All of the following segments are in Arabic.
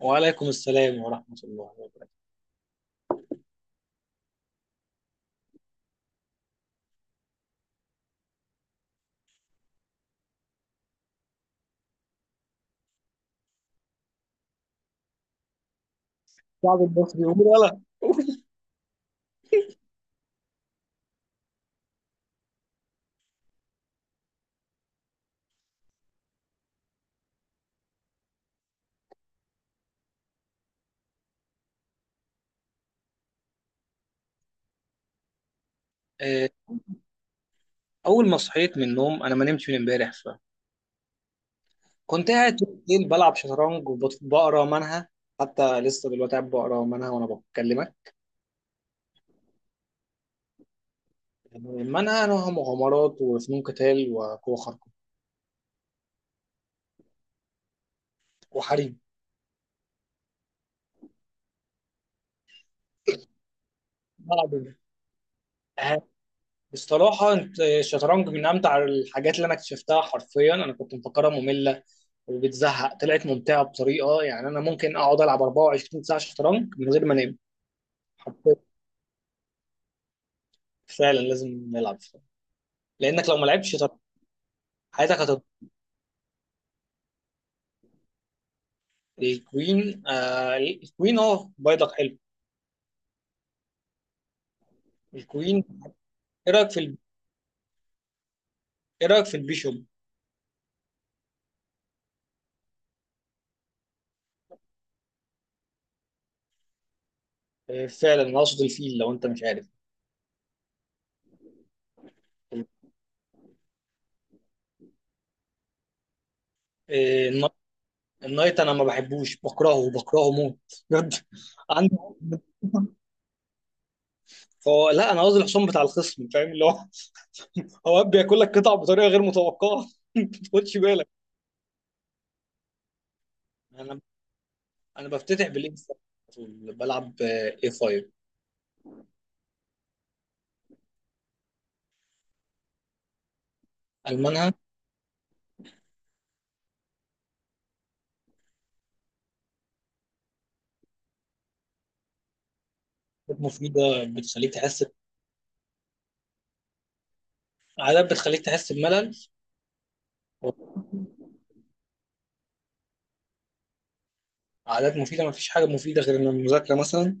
وعليكم السلام ورحمة الله وبركاته. الشعب المصري يقول ولا؟ آه، أول ما صحيت من النوم أنا ما نمتش من امبارح، فكنت قاعد طول الليل بلعب شطرنج وبقرا منها. حتى لسه دلوقتي قاعد بقرا منها وأنا بكلمك. منها نوعها مغامرات وفنون قتال وقوة خارقة وحريم. بلعب إيه؟ آه، بصراحة الشطرنج من أمتع الحاجات اللي أنا اكتشفتها. حرفيا أنا كنت مفكرها مملة وبتزهق، طلعت ممتعة بطريقة، يعني أنا ممكن أقعد ألعب 24 ساعة شطرنج من غير ما أنام. حرفيا فعلا لازم نلعب، لانك لو ما لعبتش شطرنج حياتك هتضيع. الكوين، بيضك حلو. الكوين. ايه رايك في ال... ايه رايك في البيشوب؟ فعلا، انا اقصد الفيل لو انت مش عارف. آه النا- النايت انا ما بحبوش، بكرهه بكرهه موت، بجد. عندي. فهو لا، انا قصدي الحصان بتاع الخصم، فاهم اللي هو اوقات بياكل لك قطع بطريقه غير متوقعه ما تاخدش بالك. انا انا بفتتح بالانستا على طول، بلعب اي 5. المانها مفيده بتخليك تحس، عادات بتخليك تحس بملل. عادات مفيدة، مفيش حاجة مفيدة غير إن المذاكرة مثلا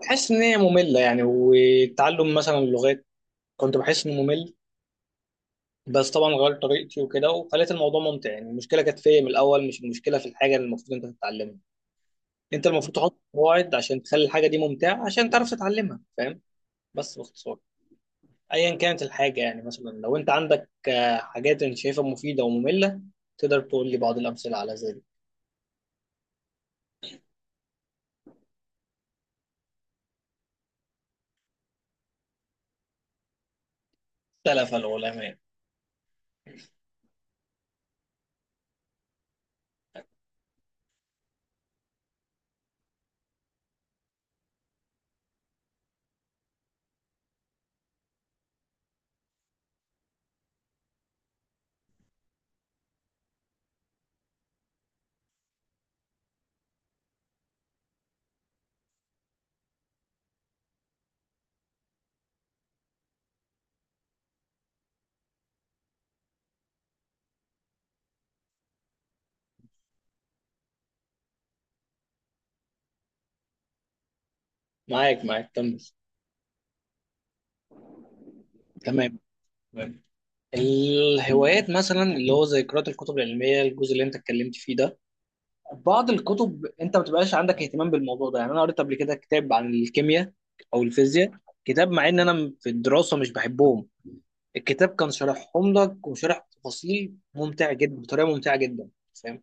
بحس إن هي مملة، يعني والتعلم مثلا اللغات كنت بحس إنه ممل. بس طبعا غيرت طريقتي وكده وخليت الموضوع ممتع، يعني المشكلة كانت فيا من الأول، مش المشكلة في الحاجة اللي المفروض أنت تتعلمها. أنت المفروض تحط قواعد عشان تخلي الحاجة دي ممتعة عشان تعرف تتعلمها، فاهم؟ بس باختصار، أيا كانت الحاجة، يعني مثلا لو أنت عندك حاجات أنت شايفها مفيدة ومملة، تقدر تقول لي بعض الأمثلة على ذلك. اختلف العلماء. معاك معاك، كمل. تمام. الهوايات مثلا اللي هو زي قراءة الكتب العلمية، الجزء اللي انت اتكلمت فيه ده، بعض الكتب انت ما بتبقاش عندك اهتمام بالموضوع ده. يعني انا قريت قبل كده كتاب عن الكيمياء او الفيزياء، كتاب مع ان انا في الدراسة مش بحبهم، الكتاب كان شارحهم لك وشارح تفاصيل ممتع جدا بطريقة ممتعة جدا، فاهم؟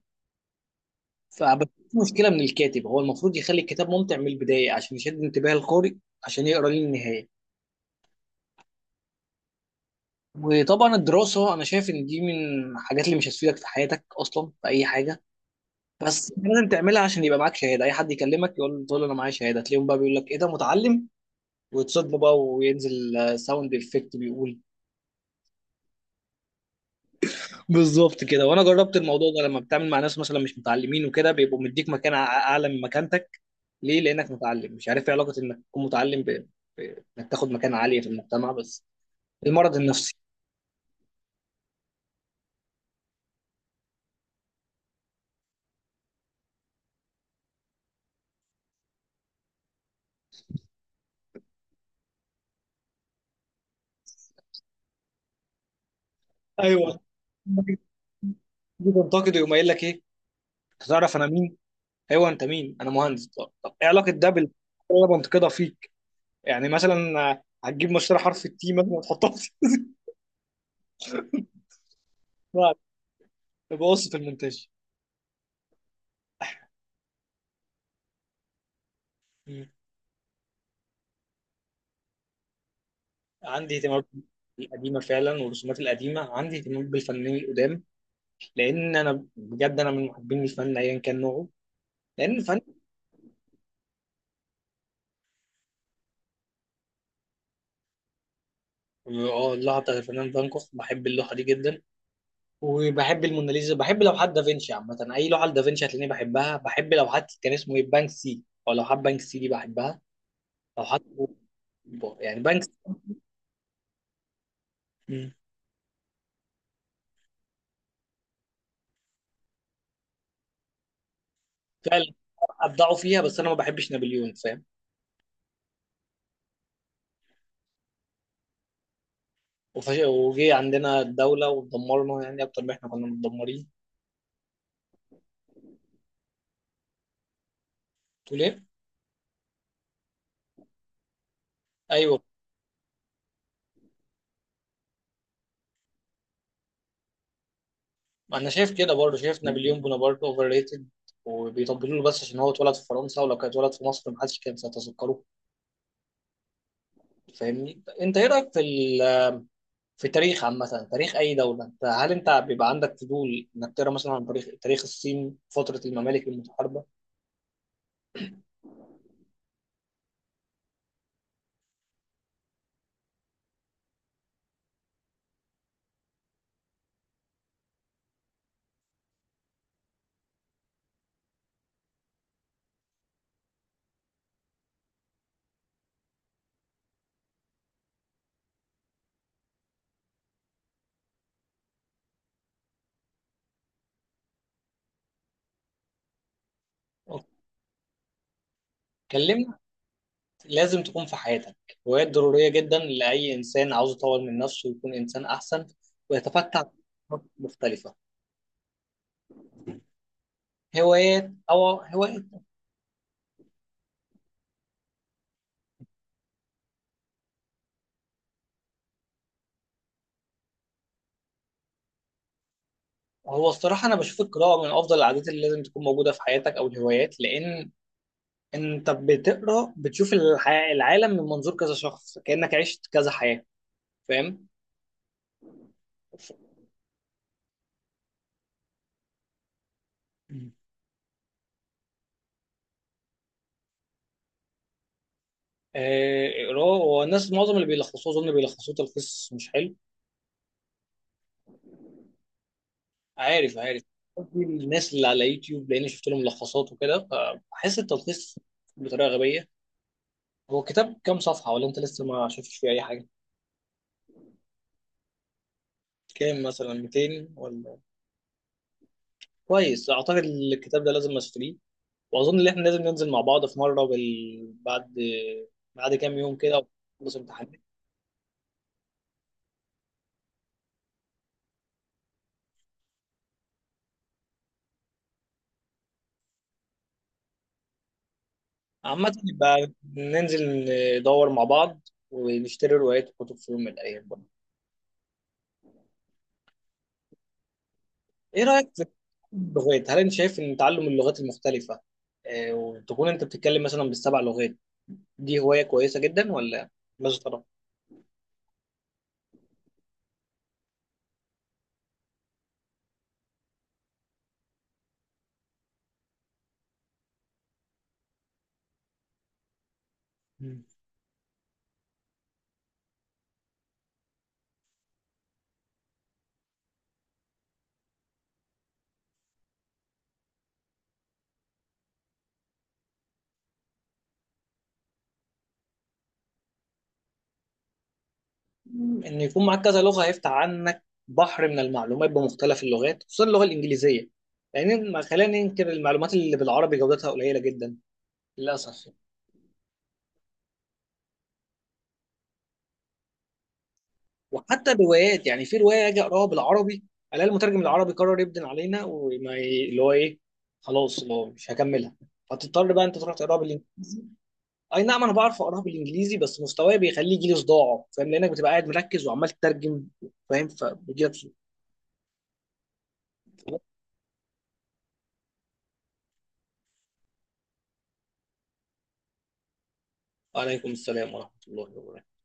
فبس في مشكلة من الكاتب، هو المفروض يخلي الكتاب ممتع من البداية عشان يشد انتباه القارئ عشان يقرا للنهاية. وطبعا الدراسة أنا شايف إن دي من الحاجات اللي مش هتفيدك في حياتك أصلا في أي حاجة، بس أنت لازم تعملها عشان يبقى معاك شهادة. أي حد يكلمك يقول، تقول له أنا معايا شهادة، تلاقيهم بقى بيقول لك إيه ده متعلم، وتصدمه بقى وينزل ساوند إفكت بيقول. بالظبط كده، وأنا جربت الموضوع ده، لما بتعمل مع ناس مثلا مش متعلمين وكده بيبقوا مديك مكان أعلى من مكانتك. ليه؟ لأنك متعلم. مش عارف إيه علاقة إنك تكون متعلم إنك تاخد مكان عالية في المجتمع بس. المرض النفسي. ايوه تنتقد يقوم قايل لك ايه؟ تعرف انا مين؟ ايوه انت مين، انا مهندس. طب ايه علاقه ده بال اللي انا بنتقدها فيك؟ يعني مثلا هتجيب مشتري حرف التي مثلا وتحطها في بعد، يبقى قصه المونتاج. مم. عندي اهتمامات القديمه فعلا والرسومات القديمه، عندي اهتمام بالفنانين القدام، لان انا بجد انا من محبين الفن ايا كان نوعه. لان الفن اه اللوحه بتاعت الفنان فان كوخ، بحب اللوحه دي جدا، وبحب الموناليزا، بحب لوحات دافنشي عامه، اي لوحه لدافنشي هتلاقيني بحبها، بحب لوحات كان اسمه ايه بانكسي، او لوحات بانكسي دي بحبها. لوحات يعني بنك. فعلا ابدعوا فيها بس انا ما بحبش نابليون، فاهم؟ وجي عندنا الدوله ودمرنا، يعني اكتر ما احنا كنا متدمرين. تقول ايه؟ ايوه انا شايف كده برضه، شايف نابليون بونابرت اوفر ريتد، وبيطبلوا له بس عشان هو اتولد في فرنسا، ولو كان اتولد في مصر ما حدش كان سيتذكره. فاهمني انت؟ ايه رايك في تاريخ عامه، تاريخ اي دوله، انت هل انت بيبقى عندك فضول انك تقرا مثلا عن تاريخ الصين فتره الممالك المتحاربه؟ كلمني. لازم تكون في حياتك هوايات ضرورية جدا لأي إنسان عاوز يطور من نفسه ويكون إنسان أحسن ويتفتح آفاق مختلفة. هوايات أو هوايات. هو الصراحة أنا بشوف القراءة من أفضل العادات اللي لازم تكون موجودة في حياتك أو الهوايات، لأن أنت بتقرأ بتشوف العالم من منظور كذا شخص، كأنك عشت كذا حياة، فاهم؟ قراءة، والناس معظم اللي بيلخصوه أظن بيلخصوه تلخيص مش حلو. عارف عارف، قصدي الناس اللي على يوتيوب، لاني شفت لهم ملخصات وكده فبحس التلخيص بطريقه غبيه. هو كتاب كام صفحه ولا انت لسه ما شفتش فيه اي حاجه؟ كام، مثلا 200 ولا؟ كويس، اعتقد الكتاب ده لازم اشتريه. واظن ان احنا لازم ننزل مع بعض في مره بعد كام يوم كده ونخلص امتحانات. عامه يبقى ننزل ندور مع بعض ونشتري روايات وكتب في يوم من الايام. ايه رايك في اللغات؟ هل انت شايف ان تعلم اللغات المختلفه وتكون انت بتتكلم مثلا بالسبع لغات دي هوايه كويسه جدا ولا؟ ماذا ترى؟ مم. ان يكون معاك كذا لغه هيفتح عنك بحر من المعلومات بمختلف اللغات خصوصا اللغه الانجليزيه، لان ما خلينا ننكر المعلومات اللي بالعربي جودتها قليله جدا، للاسف. وحتى الروايات، يعني في روايه اجي اقراها بالعربي الاقي المترجم العربي قرر يبدن علينا، اللي هو ايه، خلاص اللي هو مش هكملها، فتضطر بقى انت تروح تقراها. اي نعم انا بعرف اقراها بالانجليزي بس مستواي بيخليه يجي لي صداع، فاهم؟ لانك بتبقى قاعد مركز وعمال تترجم، فاهم؟ فبيجي لك صداع. عليكم السلام ورحمه الله وبركاته.